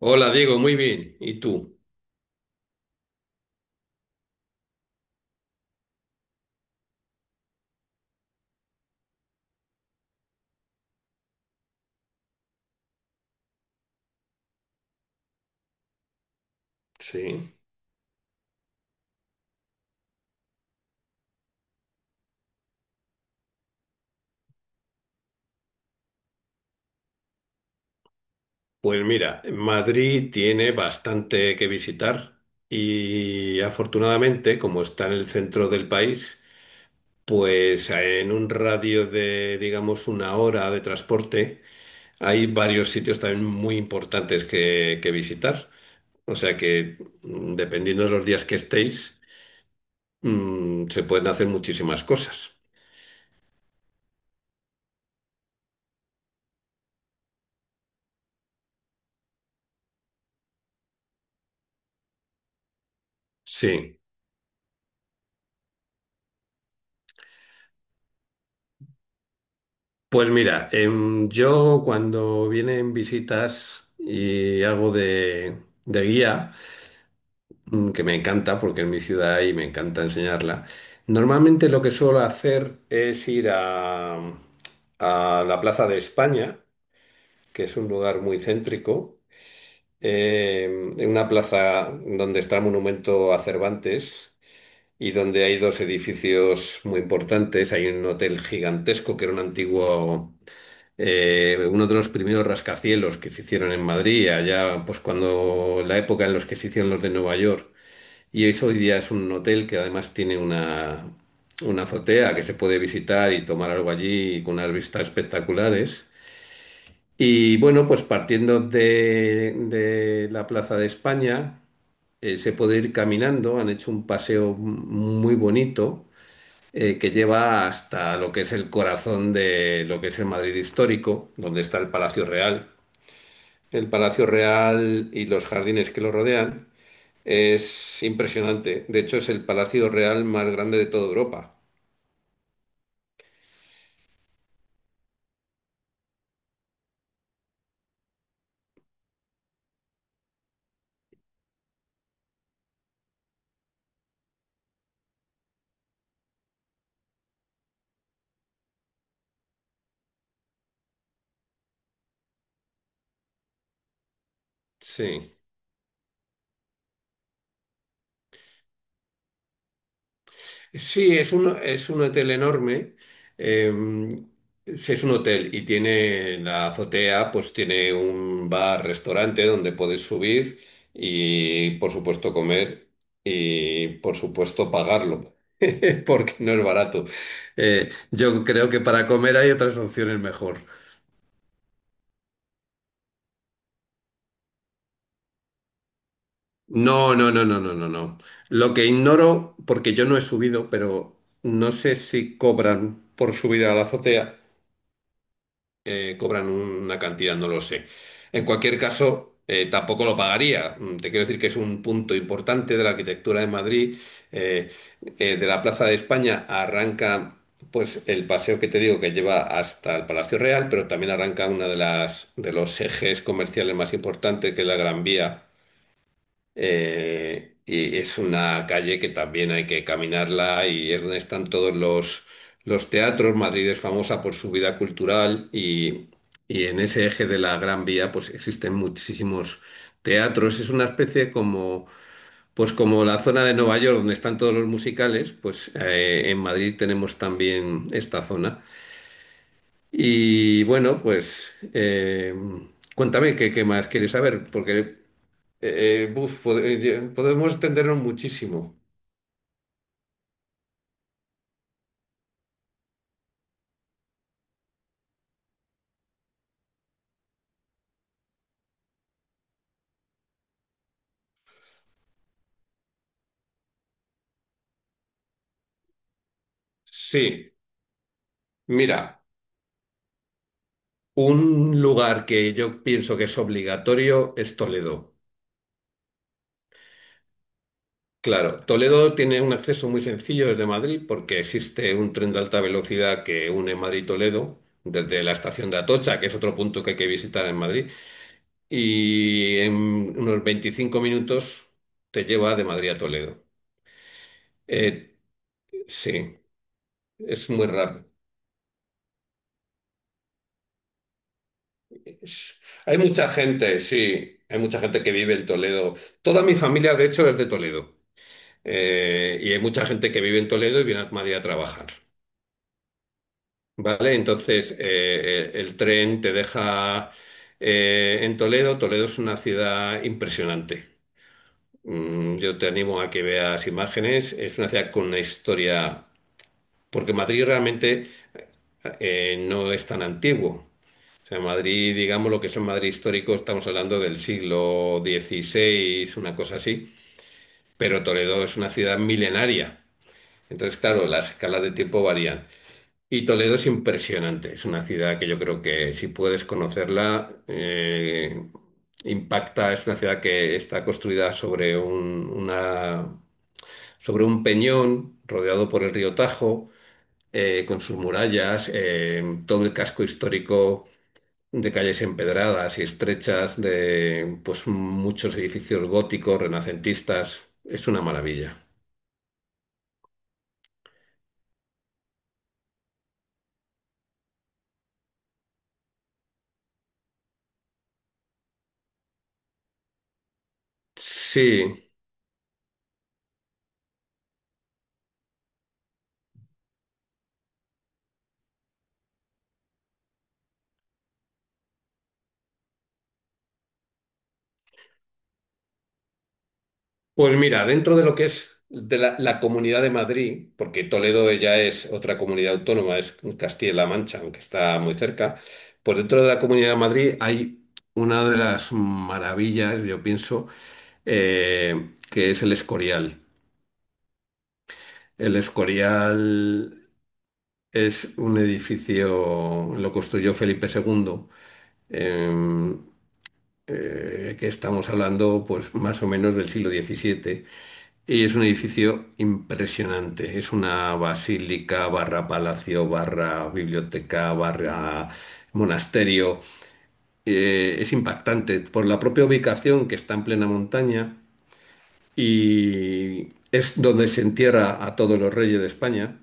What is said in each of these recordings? Hola Diego, muy bien. ¿Y tú? Sí. Pues mira, Madrid tiene bastante que visitar y afortunadamente, como está en el centro del país, pues en un radio de, digamos, una hora de transporte, hay varios sitios también muy importantes que visitar. O sea que, dependiendo de los días que estéis, se pueden hacer muchísimas cosas. Sí. Pues mira, yo cuando vienen visitas y hago de guía, que me encanta porque en mi ciudad hay y me encanta enseñarla, normalmente lo que suelo hacer es ir a la Plaza de España, que es un lugar muy céntrico, en una plaza donde está el monumento a Cervantes y donde hay dos edificios muy importantes. Hay un hotel gigantesco que era un antiguo, uno de los primeros rascacielos que se hicieron en Madrid, allá pues cuando la época en los que se hicieron los de Nueva York. Y eso hoy día es un hotel que además tiene una azotea que se puede visitar y tomar algo allí con unas vistas espectaculares. Y bueno, pues partiendo de la Plaza de España, se puede ir caminando. Han hecho un paseo muy bonito que lleva hasta lo que es el corazón de lo que es el Madrid histórico, donde está el Palacio Real. El Palacio Real y los jardines que lo rodean es impresionante. De hecho, es el Palacio Real más grande de toda Europa. Sí. Sí, es un hotel enorme. eh, sí, es un hotel y tiene la azotea, pues tiene un bar, restaurante donde puedes subir y, por supuesto, comer y, por supuesto, pagarlo, porque no es barato. Yo creo que para comer hay otras opciones mejor. No, no, no, no, no, no, no. Lo que ignoro, porque yo no he subido, pero no sé si cobran por subir a la azotea. Cobran una cantidad, no lo sé. En cualquier caso, tampoco lo pagaría. Te quiero decir que es un punto importante de la arquitectura de Madrid. Eh, de la Plaza de España arranca pues el paseo que te digo que lleva hasta el Palacio Real, pero también arranca una de las de los ejes comerciales más importantes, que es la Gran Vía, y es una calle que también hay que caminarla y es donde están todos los teatros. Madrid es famosa por su vida cultural, y en ese eje de la Gran Vía pues existen muchísimos teatros. Es una especie como, pues como la zona de Nueva York donde están todos los musicales. Pues en Madrid tenemos también esta zona. Y bueno, pues cuéntame qué más quieres saber, porque Eh, eh, buf, pod- eh, podemos extendernos muchísimo. Sí, mira, un lugar que yo pienso que es obligatorio es Toledo. Claro, Toledo tiene un acceso muy sencillo desde Madrid porque existe un tren de alta velocidad que une Madrid y Toledo desde la estación de Atocha, que es otro punto que hay que visitar en Madrid, y en unos 25 minutos te lleva de Madrid a Toledo. Eh, sí, es muy rápido. Hay mucha gente, sí, hay mucha gente que vive en Toledo. Toda mi familia, de hecho, es de Toledo. Y hay mucha gente que vive en Toledo y viene a Madrid a trabajar. ¿Vale? Entonces, el tren te deja en Toledo. Toledo es una ciudad impresionante. Yo te animo a que veas imágenes. Es una ciudad con una historia, porque Madrid realmente no es tan antiguo. O sea, Madrid, digamos lo que es un Madrid histórico, estamos hablando del siglo XVI, una cosa así, pero Toledo es una ciudad milenaria. Entonces, claro, las escalas de tiempo varían. Y Toledo es impresionante. Es una ciudad que yo creo que si puedes conocerla, impacta. Es una ciudad que está construida sobre sobre un peñón rodeado por el río Tajo, con sus murallas, todo el casco histórico de calles empedradas y estrechas, de pues muchos edificios góticos, renacentistas. Es una maravilla. Sí, pues mira, dentro de lo que es de la Comunidad de Madrid, porque Toledo ya es otra comunidad autónoma, es Castilla-La Mancha, aunque está muy cerca, pues dentro de la Comunidad de Madrid hay una de las maravillas, yo pienso, que es el Escorial. El Escorial es un edificio, lo construyó Felipe II, em, que estamos hablando pues más o menos del siglo XVII, y es un edificio impresionante. Es una basílica barra palacio, barra biblioteca, barra monasterio. Es impactante por la propia ubicación que está en plena montaña, y es donde se entierra a todos los reyes de España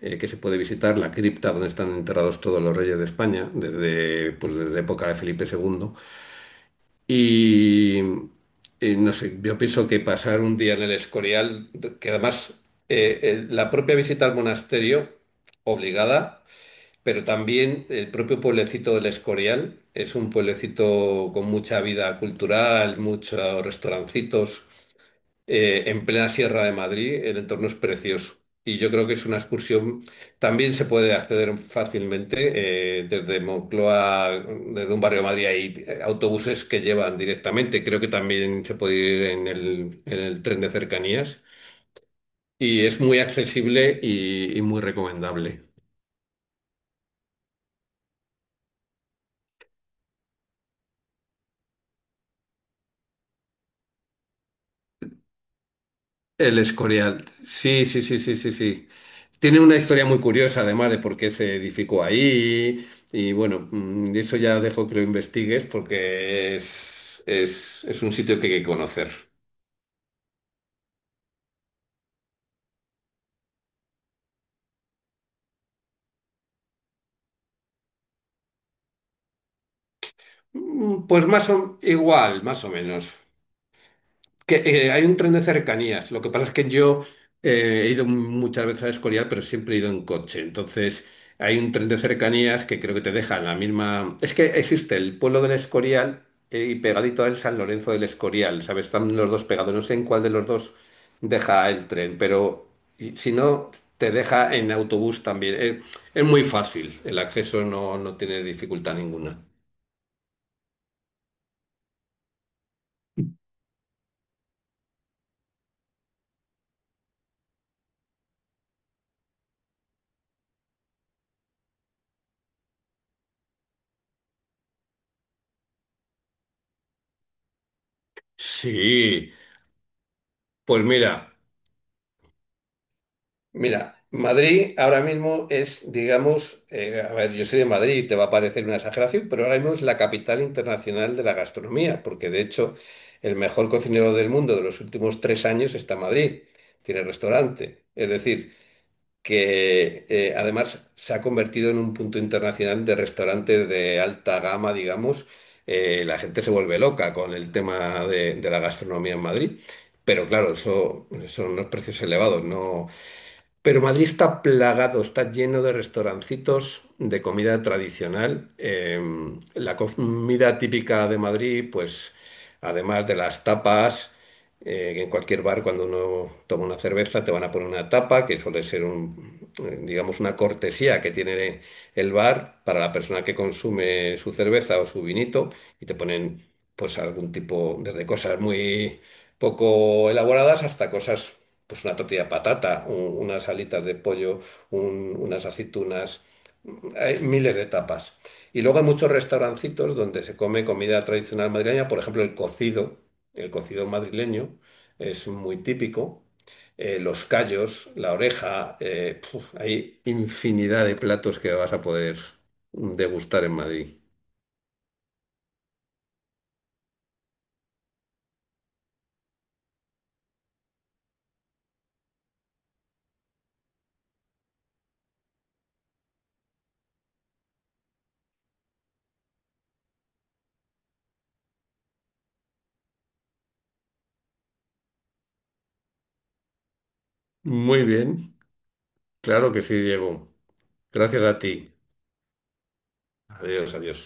eh, que se puede visitar, la cripta donde están enterrados todos los reyes de España, desde, pues, desde época de Felipe II. Y, y no sé, yo pienso que pasar un día en el Escorial, que además, la propia visita al monasterio, obligada, pero también el propio pueblecito del Escorial, es un pueblecito con mucha vida cultural, muchos restaurancitos, en plena Sierra de Madrid, el entorno es precioso. Y yo creo que es una excursión, también se puede acceder fácilmente desde Moncloa, desde un barrio de Madrid hay autobuses que llevan directamente, creo que también se puede ir en el tren de cercanías y es muy accesible y muy recomendable. El Escorial. Sí, sí, sí, sí, sí, sí. Tiene una historia muy curiosa, además, de por qué se edificó ahí. Y bueno, eso ya dejo que lo investigues porque es un sitio que hay que conocer. Pues más o, igual, más o menos. Que, hay un tren de cercanías. Lo que pasa es que yo he ido muchas veces a Escorial, pero siempre he ido en coche. Entonces, hay un tren de cercanías que creo que te deja en la misma. Es que existe el pueblo del Escorial, y pegadito a él San Lorenzo del Escorial, ¿sabes? Están los dos pegados. No sé en cuál de los dos deja el tren, pero si no, te deja en autobús también. Es muy fácil. El acceso no tiene dificultad ninguna. Sí, pues mira. Mira, Madrid ahora mismo es, digamos, a ver, yo soy de Madrid, te va a parecer una exageración, pero ahora mismo es la capital internacional de la gastronomía, porque de hecho el mejor cocinero del mundo de los últimos 3 años está en Madrid, tiene restaurante. Es decir, que además se ha convertido en un punto internacional de restaurantes de alta gama, digamos. La gente se vuelve loca con el tema de la gastronomía en Madrid. Pero claro, eso son unos precios elevados, no, pero Madrid está plagado, está lleno de restaurancitos de comida tradicional. La comida típica de Madrid, pues además de las tapas, que en cualquier bar cuando uno toma una cerveza te van a poner una tapa, que suele ser digamos, una cortesía que tiene el bar para la persona que consume su cerveza o su vinito, y te ponen pues algún tipo, desde cosas muy poco elaboradas hasta cosas, pues una tortilla de patata, unas alitas de pollo, unas aceitunas, hay miles de tapas. Y luego hay muchos restaurancitos donde se come comida tradicional madrileña, por ejemplo, el cocido madrileño es muy típico. Eh, los callos, la oreja, puf, hay infinidad de platos que vas a poder degustar en Madrid. Muy bien, claro que sí, Diego. Gracias a ti. Adiós, adiós.